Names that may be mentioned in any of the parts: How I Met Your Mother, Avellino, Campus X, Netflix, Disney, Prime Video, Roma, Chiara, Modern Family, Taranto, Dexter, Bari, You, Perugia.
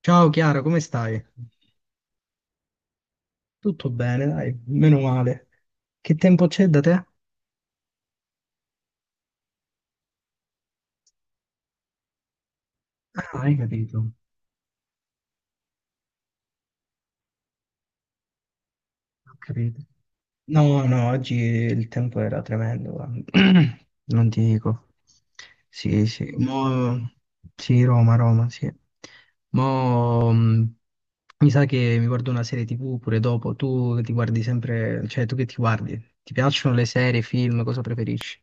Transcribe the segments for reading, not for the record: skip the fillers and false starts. Ciao Chiara, come stai? Tutto bene, dai, meno male. Che tempo c'è da te? Ah, hai capito, ho capito. No, no, oggi il tempo era tremendo, guarda. Non ti dico. Sì, sì. Sì, Roma, sì. Mo... mh, Mi sa che mi guardo una serie TV pure dopo. Tu ti guardi sempre... Cioè, tu che ti guardi? Ti piacciono le serie, i film? Cosa preferisci?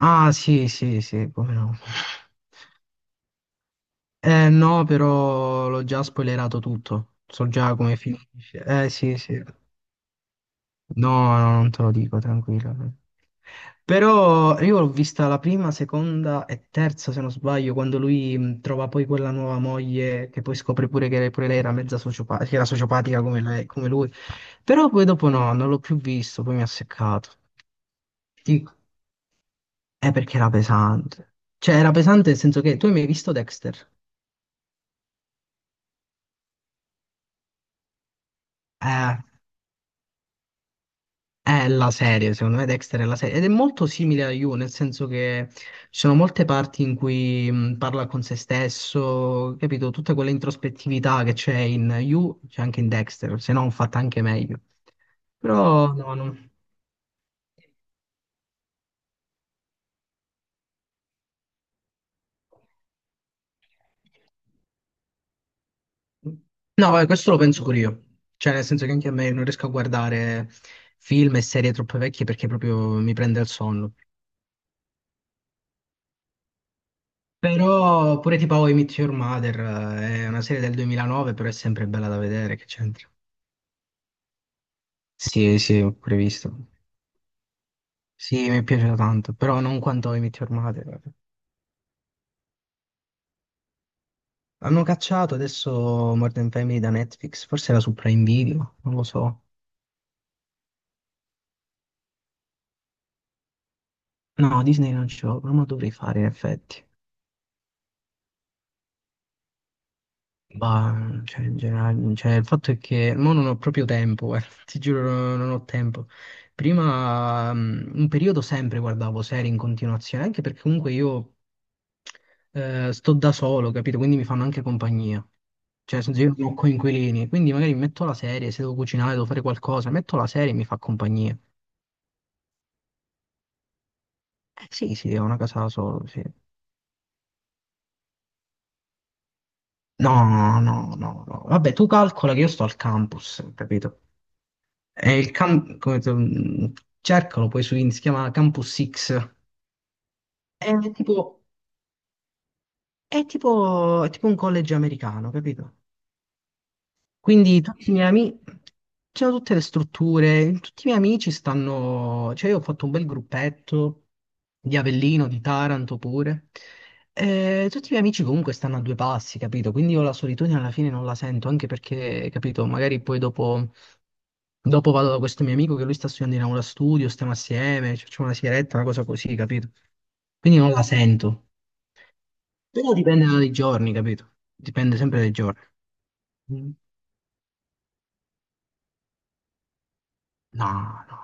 Ah, sì, sì, sì, come no. Eh no, però l'ho già spoilerato tutto. So già come finisce. Eh sì, sì. No, no, non te lo dico, tranquillo. Però io l'ho vista la prima, seconda e terza, se non sbaglio, quando lui trova poi quella nuova moglie che poi scopre pure che pure lei era mezza sociopatica, che era sociopatica come lui. Però poi dopo no, non l'ho più visto, poi mi ha seccato. Dico, è perché era pesante. Cioè, era pesante nel senso che tu hai mai visto Dexter? Eh. È la serie, secondo me Dexter è la serie ed è molto simile a You, nel senso che ci sono molte parti in cui parla con se stesso, capito? Tutta quella introspettività che c'è in You c'è anche in Dexter, se no fatta anche meglio. Però no, no. No, questo lo penso pure io. Cioè, nel senso che anche a me non riesco a guardare film e serie troppo vecchie perché proprio mi prende il sonno. Però pure tipo How I Met Your Mother è una serie del 2009, però è sempre bella da vedere, che c'entra. Sì, sì, ho previsto. Sì, mi è piaciuto tanto, però non quanto I Met Your Mother, guarda. Hanno cacciato adesso Modern Family da Netflix, forse era su Prime Video, non lo so. No, Disney non ce l'ho, però me lo dovrei fare in effetti. Bah, cioè, in generale, cioè, il fatto è che mo non ho proprio tempo, guarda, ti giuro, non ho tempo. Prima, un periodo sempre guardavo serie in continuazione, anche perché comunque io sto da solo, capito? Quindi mi fanno anche compagnia. Cioè, nel senso, io non ho coinquilini, quindi magari metto la serie, se devo cucinare, devo fare qualcosa, metto la serie e mi fa compagnia. Sì, sì, ho una casa da solo, sì. No, no, no, no. Vabbè, tu calcola che io sto al campus, capito? È il cam- come se- cercalo poi su in si chiama Campus X. È tipo, è tipo un college americano, capito? Quindi tutti i miei amici, c'erano tutte le strutture, tutti i miei amici stanno, cioè io ho fatto un bel gruppetto di Avellino, di Taranto pure, e tutti i miei amici comunque stanno a due passi, capito? Quindi io la solitudine alla fine non la sento, anche perché, capito, magari poi dopo vado da questo mio amico che lui sta studiando in aula studio, stiamo assieme, ci facciamo una sigaretta, una cosa così, capito? Quindi non la sento, però dipende dai giorni, capito? Dipende sempre dai giorni. Mm. No, no,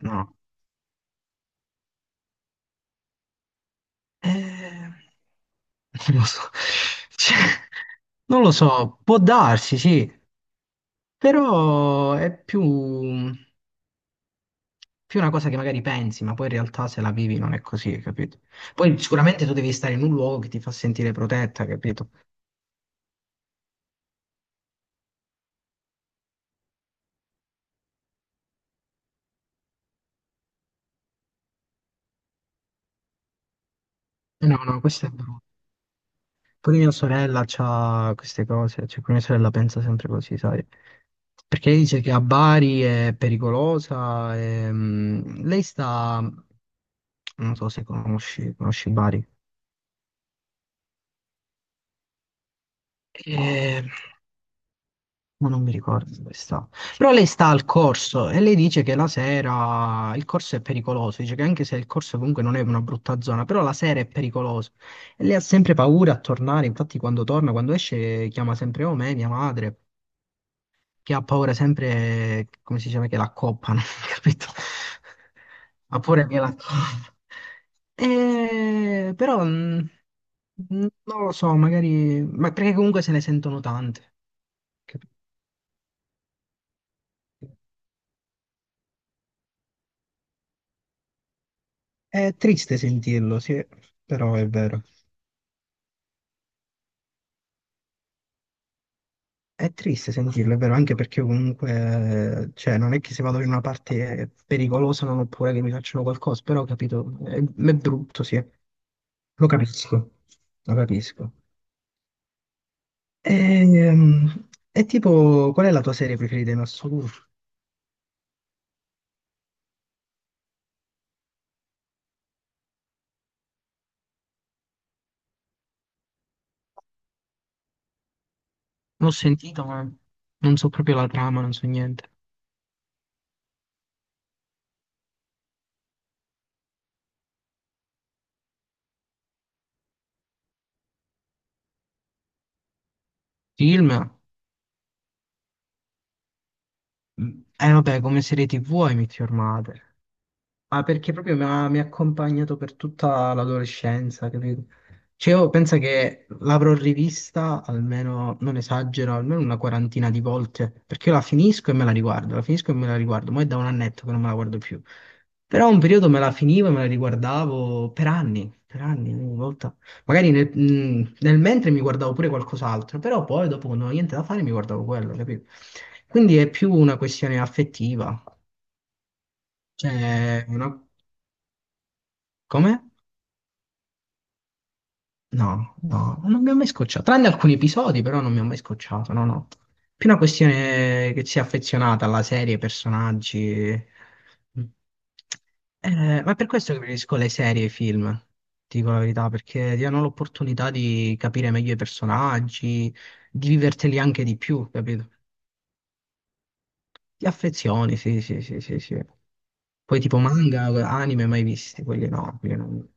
no. Eh, non lo so. Cioè, non lo so, può darsi, sì, però è più una cosa che magari pensi, ma poi in realtà se la vivi non è così, capito? Poi sicuramente tu devi stare in un luogo che ti fa sentire protetta, capito? Eh no, no, questo è brutto. Poi mia sorella ha queste cose, cioè pure mia sorella pensa sempre così, sai? Perché lei dice che a Bari è pericolosa, e, lei sta, non so se conosci, conosci Bari. Ehm, Ma non mi ricordo dove sta. Però lei sta al corso e lei dice che la sera il corso è pericoloso. Dice che anche se il corso comunque non è una brutta zona, però la sera è pericoloso. E lei ha sempre paura a tornare. Infatti, quando torna, quando esce, chiama sempre o me, mia madre, che ha paura sempre, come si dice, che la coppano, capito? Ha paura che la coppano. Però non lo so, magari, ma perché comunque se ne sentono tante. Capito? È triste sentirlo, sì, però è vero. È triste sentirlo, è vero, anche perché comunque, cioè, non è che se vado in una parte pericolosa non ho paura che mi facciano qualcosa, però, ho capito, è brutto, sì, lo capisco, lo capisco. Ehm, E, tipo, qual è la tua serie preferita in assoluto? Non ho sentito, ma non so proprio la trama, non so niente. Film? Vabbè, come serie TV hai Meet Your Mother. Ah, perché proprio mi ha accompagnato per tutta l'adolescenza, capito? Cioè, io penso che l'avrò rivista almeno, non esagero, almeno una quarantina di volte, perché io la finisco e me la riguardo, la finisco e me la riguardo, ma è da un annetto che non me la guardo più. Però un periodo me la finivo e me la riguardavo per anni, ogni volta. Magari nel mentre mi guardavo pure qualcos'altro, però poi dopo quando non avevo niente da fare mi guardavo quello, capito? Quindi è più una questione affettiva, cioè, una... come? No, no, non mi ha mai scocciato. Tranne alcuni episodi, però non mi ha mai scocciato. No, no. Più una questione che sia affezionata alla serie, ai personaggi. Mm. Ma è per questo che preferisco le serie e i film, ti dico la verità, perché ti danno l'opportunità di capire meglio i personaggi, di viverteli anche di più, capito? Ti affezioni, sì, sì, sì, sì, sì. Poi tipo manga, anime mai visti, quelli no, quelli non.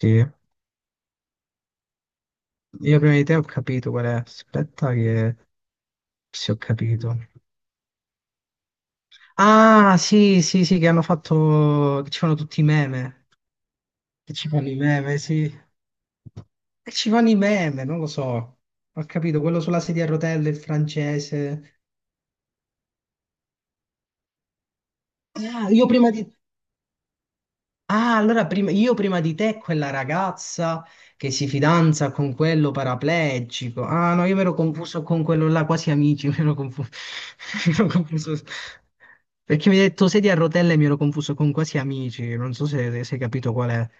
Sì. Io prima di te ho capito qual è. Aspetta che. Sì, ho capito. Ah, sì, sì, sì, che hanno fatto, che ci fanno tutti i meme, sì. E ci fanno i meme, non lo so. Ho capito, quello sulla sedia a rotelle, il francese. Ah, io prima di Ah, io prima di te, quella ragazza che si fidanza con quello paraplegico. Ah, no, io mi ero confuso con quello là, quasi amici, mi ero confuso. Mi ero confuso. Perché mi hai detto sedia a rotelle, mi ero confuso con quasi amici. Non so se hai capito qual è.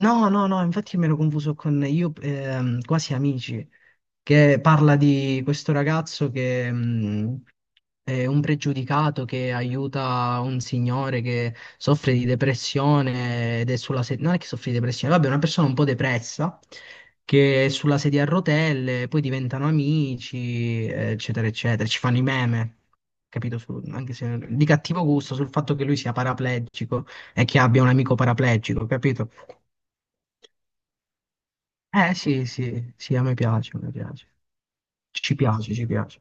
No, no, no, infatti me l'ho confuso con Io quasi amici, che parla di questo ragazzo che è un pregiudicato che aiuta un signore che soffre di depressione ed è sulla sedia, non è che soffre di depressione, vabbè, è una persona un po' depressa che è sulla sedia a rotelle, poi diventano amici, eccetera, eccetera, ci fanno i meme. Capito? Su- anche se di cattivo gusto sul fatto che lui sia paraplegico e che abbia un amico paraplegico, capito? Eh sì, sì, sì, a me piace, a me piace. Ci piace, ci piace.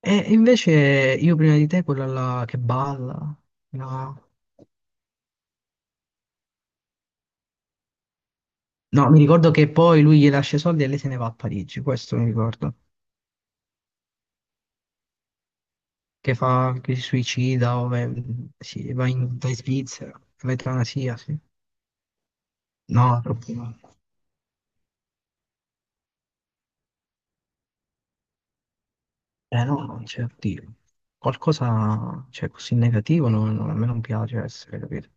E invece io prima di te, quella là che balla. No. No, mi ricordo che poi lui gli lascia i soldi e lei se ne va a Parigi, questo mi ricordo. Che fa, che si suicida, sì, va in Svizzera, l'eutanasia, sì. No, troppo no. Eh no, non c'è, oddio. Qualcosa, cioè, così negativo, no, no, a me non piace essere, capito?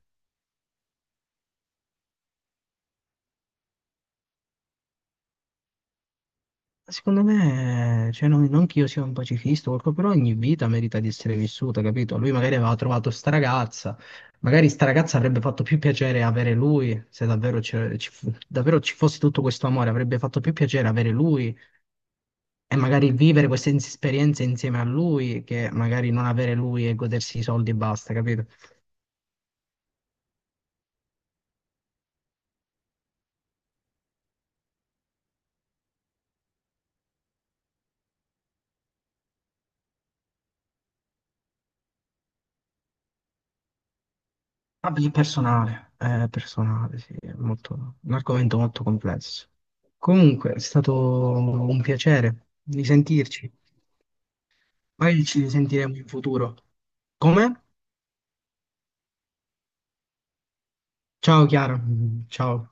Secondo me, cioè, non che io sia un pacifista, o qualcosa, però ogni vita merita di essere vissuta, capito? Lui magari aveva trovato sta ragazza, magari sta ragazza avrebbe fatto più piacere avere lui, se davvero, davvero ci fosse tutto questo amore, avrebbe fatto più piacere avere lui e magari vivere queste esperienze insieme a lui che magari non avere lui e godersi i soldi e basta, capito? Vabbè, è personale, sì, è molto, un argomento molto complesso. Comunque, è stato un piacere di sentirci. Poi ci risentiremo in futuro. Come? Ciao Chiara, ciao.